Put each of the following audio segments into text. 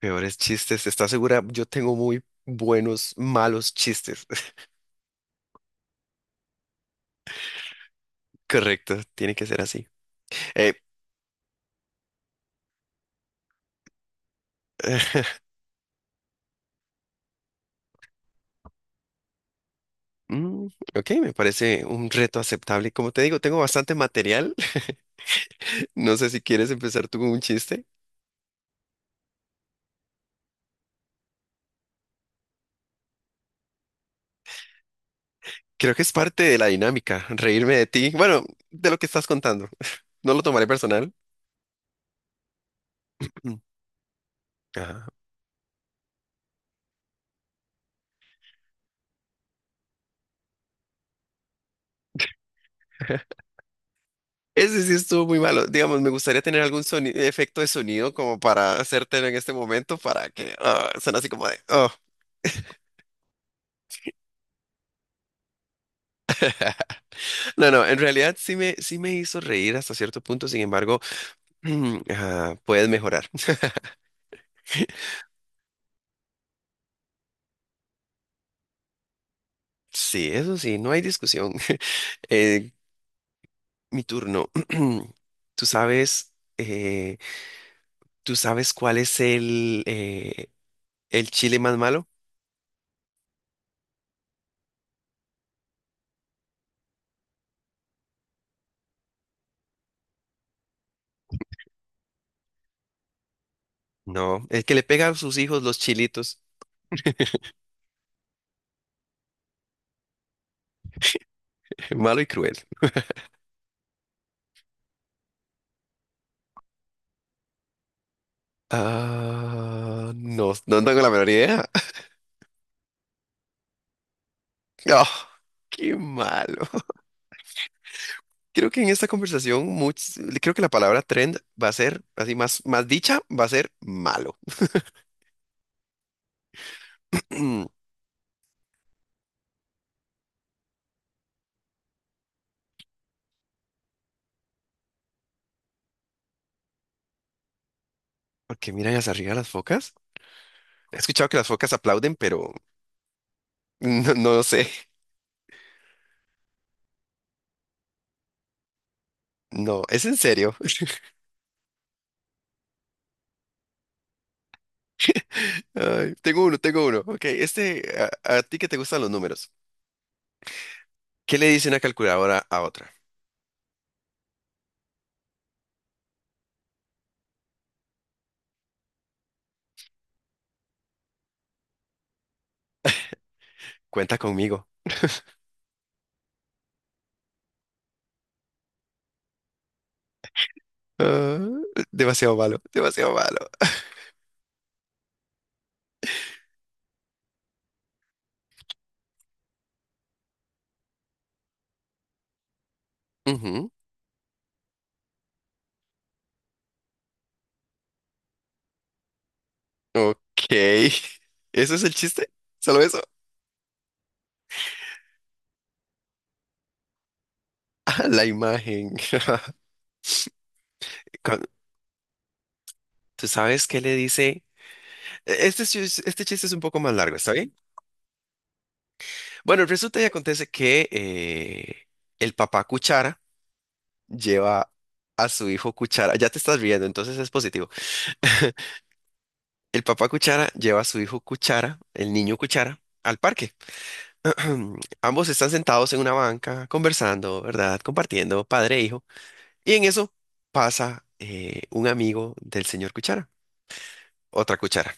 Peores chistes, ¿estás segura? Yo tengo muy buenos, malos chistes. Correcto, tiene que ser así. Eh, mm, ok, me parece un reto aceptable. Como te digo, tengo bastante material. No sé si quieres empezar tú con un chiste. Creo que es parte de la dinámica, reírme de ti. Bueno, de lo que estás contando. No lo tomaré personal. Mm. Ajá. Ese sí estuvo muy malo. Digamos, me gustaría tener algún efecto de sonido como para hacértelo en este momento para que suene así como de "Ah". No, no, en realidad sí me hizo reír hasta cierto punto, sin embargo, puedes mejorar. Sí, eso sí, no hay discusión. Eh, mi turno. Tú sabes, eh, ¿tú sabes cuál es el chile más malo? No, el que le pega a sus hijos los chilitos. Malo y cruel. Ah, no, no tengo la menor idea. Oh, qué malo. Creo que en esta conversación, creo que la palabra trend va a ser, más dicha, va a ser malo. Porque miran hacia arriba las focas. He escuchado que las focas aplauden, pero no, no lo sé. No, es en serio. Ay, tengo uno, tengo uno. Ok, a ti que te gustan los números. ¿Qué le dice una calculadora a otra? Cuenta conmigo. Ah, demasiado malo, demasiado malo. Ujú. Ok. ¿Eso es el chiste? ¿Solo eso? Ah, la imagen. Cuan- ¿Tú sabes qué le dice? Este, este chiste es un poco más largo, ¿está bien? Bueno, resulta y acontece que el papá Cuchara lleva a su hijo Cuchara. Ya te estás riendo, entonces es positivo. El papá Cuchara lleva a su hijo Cuchara, el niño Cuchara, al parque. Ambos están sentados en una banca, conversando, ¿verdad? Compartiendo, padre e hijo. Y en eso pasa un amigo del señor Cuchara, otra Cuchara,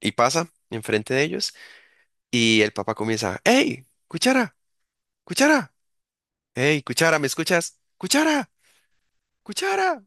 y pasa enfrente de ellos. Y el papá comienza, ¡Ey! ¡Cuchara! ¡Cuchara! ¡Ey! ¡Cuchara! ¿Me escuchas? ¡Cuchara! ¡Cuchara!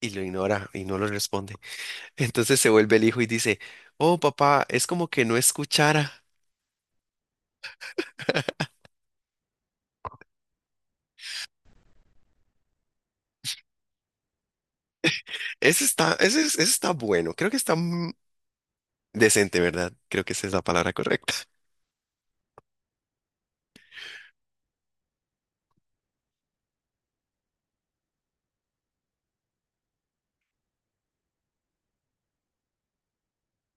Y lo ignora y no lo responde. Entonces se vuelve el hijo y dice, Oh, papá, es como que no escuchara. Ese está bueno. Creo que está decente, ¿verdad? Creo que esa es la palabra correcta.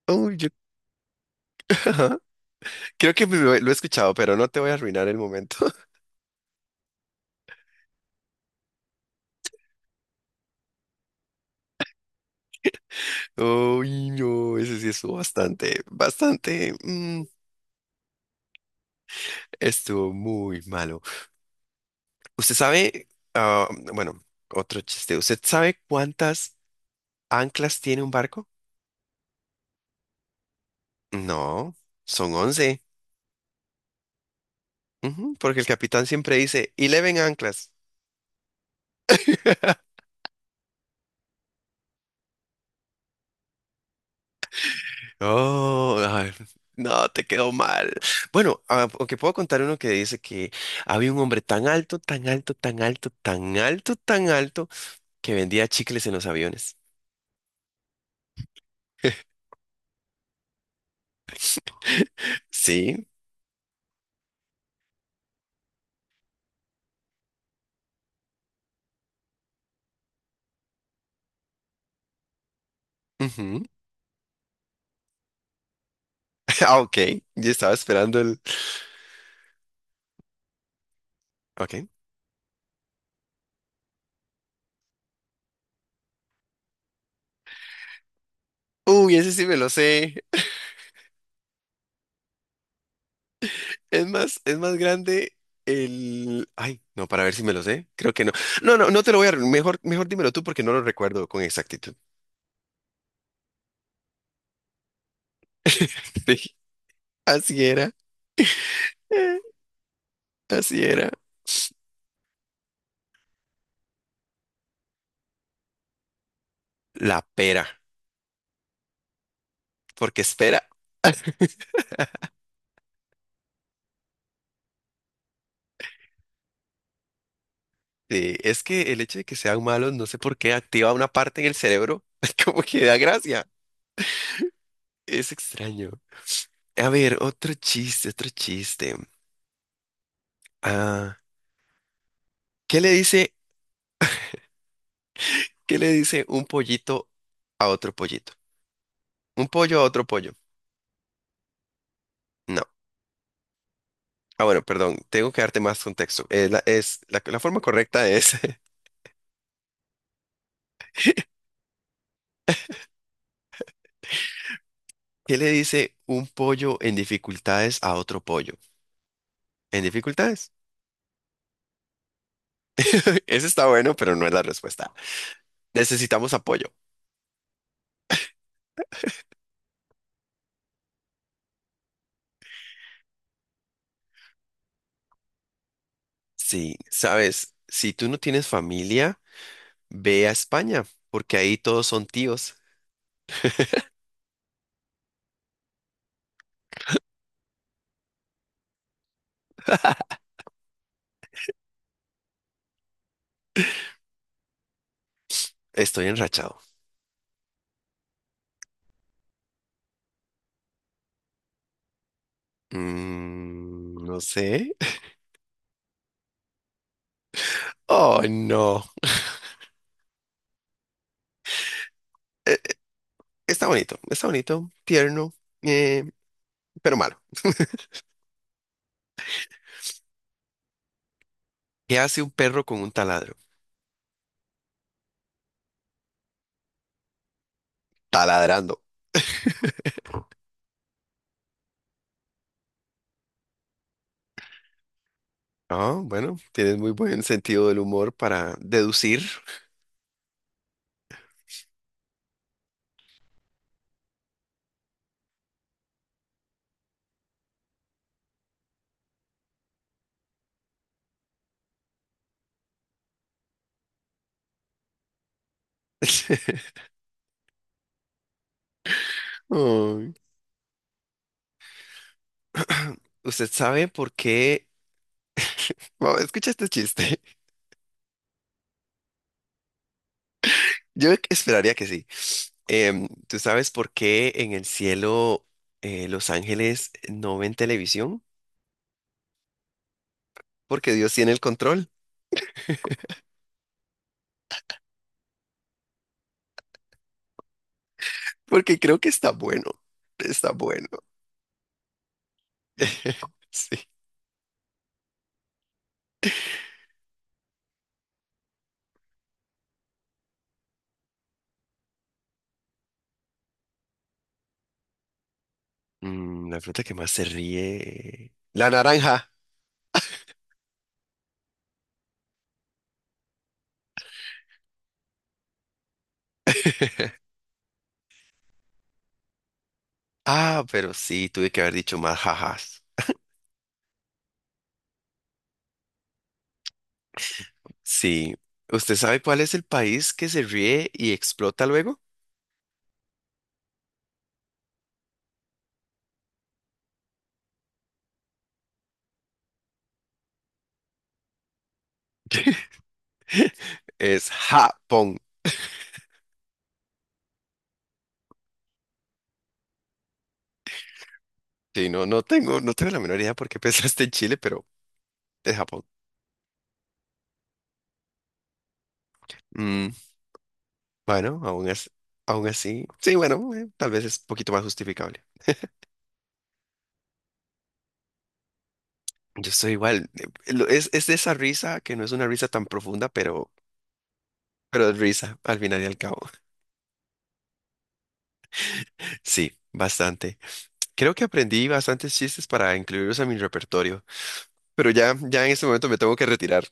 Uy, yo- ajá. Lo he escuchado, pero no te voy a arruinar el momento. Uy, no, ese sí estuvo bastante, bastante, estuvo muy malo. Usted sabe, ah, bueno, otro chiste, ¿usted sabe cuántas anclas tiene un barco? No, son once. Ujú, porque el capitán siempre dice, eleven anclas. Oh, ay, no, te quedó mal. Bueno, aunque puedo contar uno que dice que había un hombre tan alto, tan alto, tan alto, tan alto, tan alto, que vendía chicles en los aviones. Sí, Ujú. Ah, ok. Yo estaba esperando el. Ok. Uy, ese sí me lo sé. Es más grande el. Ay, no, para ver si me lo sé. Creo que no. No, no, no te lo voy a. Mejor, mejor dímelo tú porque no lo recuerdo con exactitud. Así era. eh, Así era. La pera. Porque espera. Sí, es que el hecho de que sean malos, no sé por qué, activa una parte en el cerebro, como que da gracia. Es extraño. A ver, otro chiste, otro chiste. Ah, ¿Qué le dice, ¿qué le dice un pollito a otro pollito? Un pollo a otro pollo. No. Ah, bueno, perdón, tengo que darte más contexto. La forma correcta es, ¿qué le dice un pollo en dificultades a otro pollo? ¿En dificultades? Ese está bueno, pero no es la respuesta. Necesitamos apoyo. Sí, sabes, si tú no tienes familia, ve a España, porque ahí todos son tíos. Estoy enrachado. Mm, no sé. Oh, no. Eh, está bonito, tierno, eh, pero malo. ¿Qué hace un perro con un taladro? Taladrando. Ah, bueno, tienes muy buen sentido del humor para deducir. Ay, ¿Usted sabe por qué? Bueno, escucha este chiste. Yo esperaría que sí. Em, ¿tú sabes por qué en el cielo los ángeles no ven televisión? Porque Dios tiene el control. Porque creo que está bueno. Está bueno. Sí. Mm, la fruta que más se ríe. La naranja. Ah, pero sí, tuve que haber dicho más jajas. Sí. ¿Usted sabe cuál es el país que se ríe y explota luego? Es Japón. Sí, no, no tengo, no tengo la menor idea por qué pensaste en Chile, pero es Japón. Mm, bueno, aún así. Sí, bueno, tal vez es un poquito más justificable. Yo soy igual. Es de esa risa que no es una risa tan profunda, pero es risa al final y al cabo. Sí, bastante. Creo que aprendí bastantes chistes para incluirlos a mi repertorio, pero ya en este momento me tengo que retirar.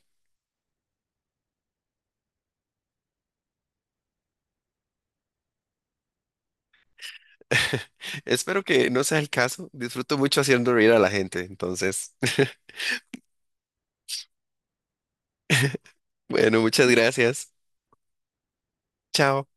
Espero que no sea el caso. Disfruto mucho haciendo reír a la gente, entonces. Bueno, muchas gracias. Chao.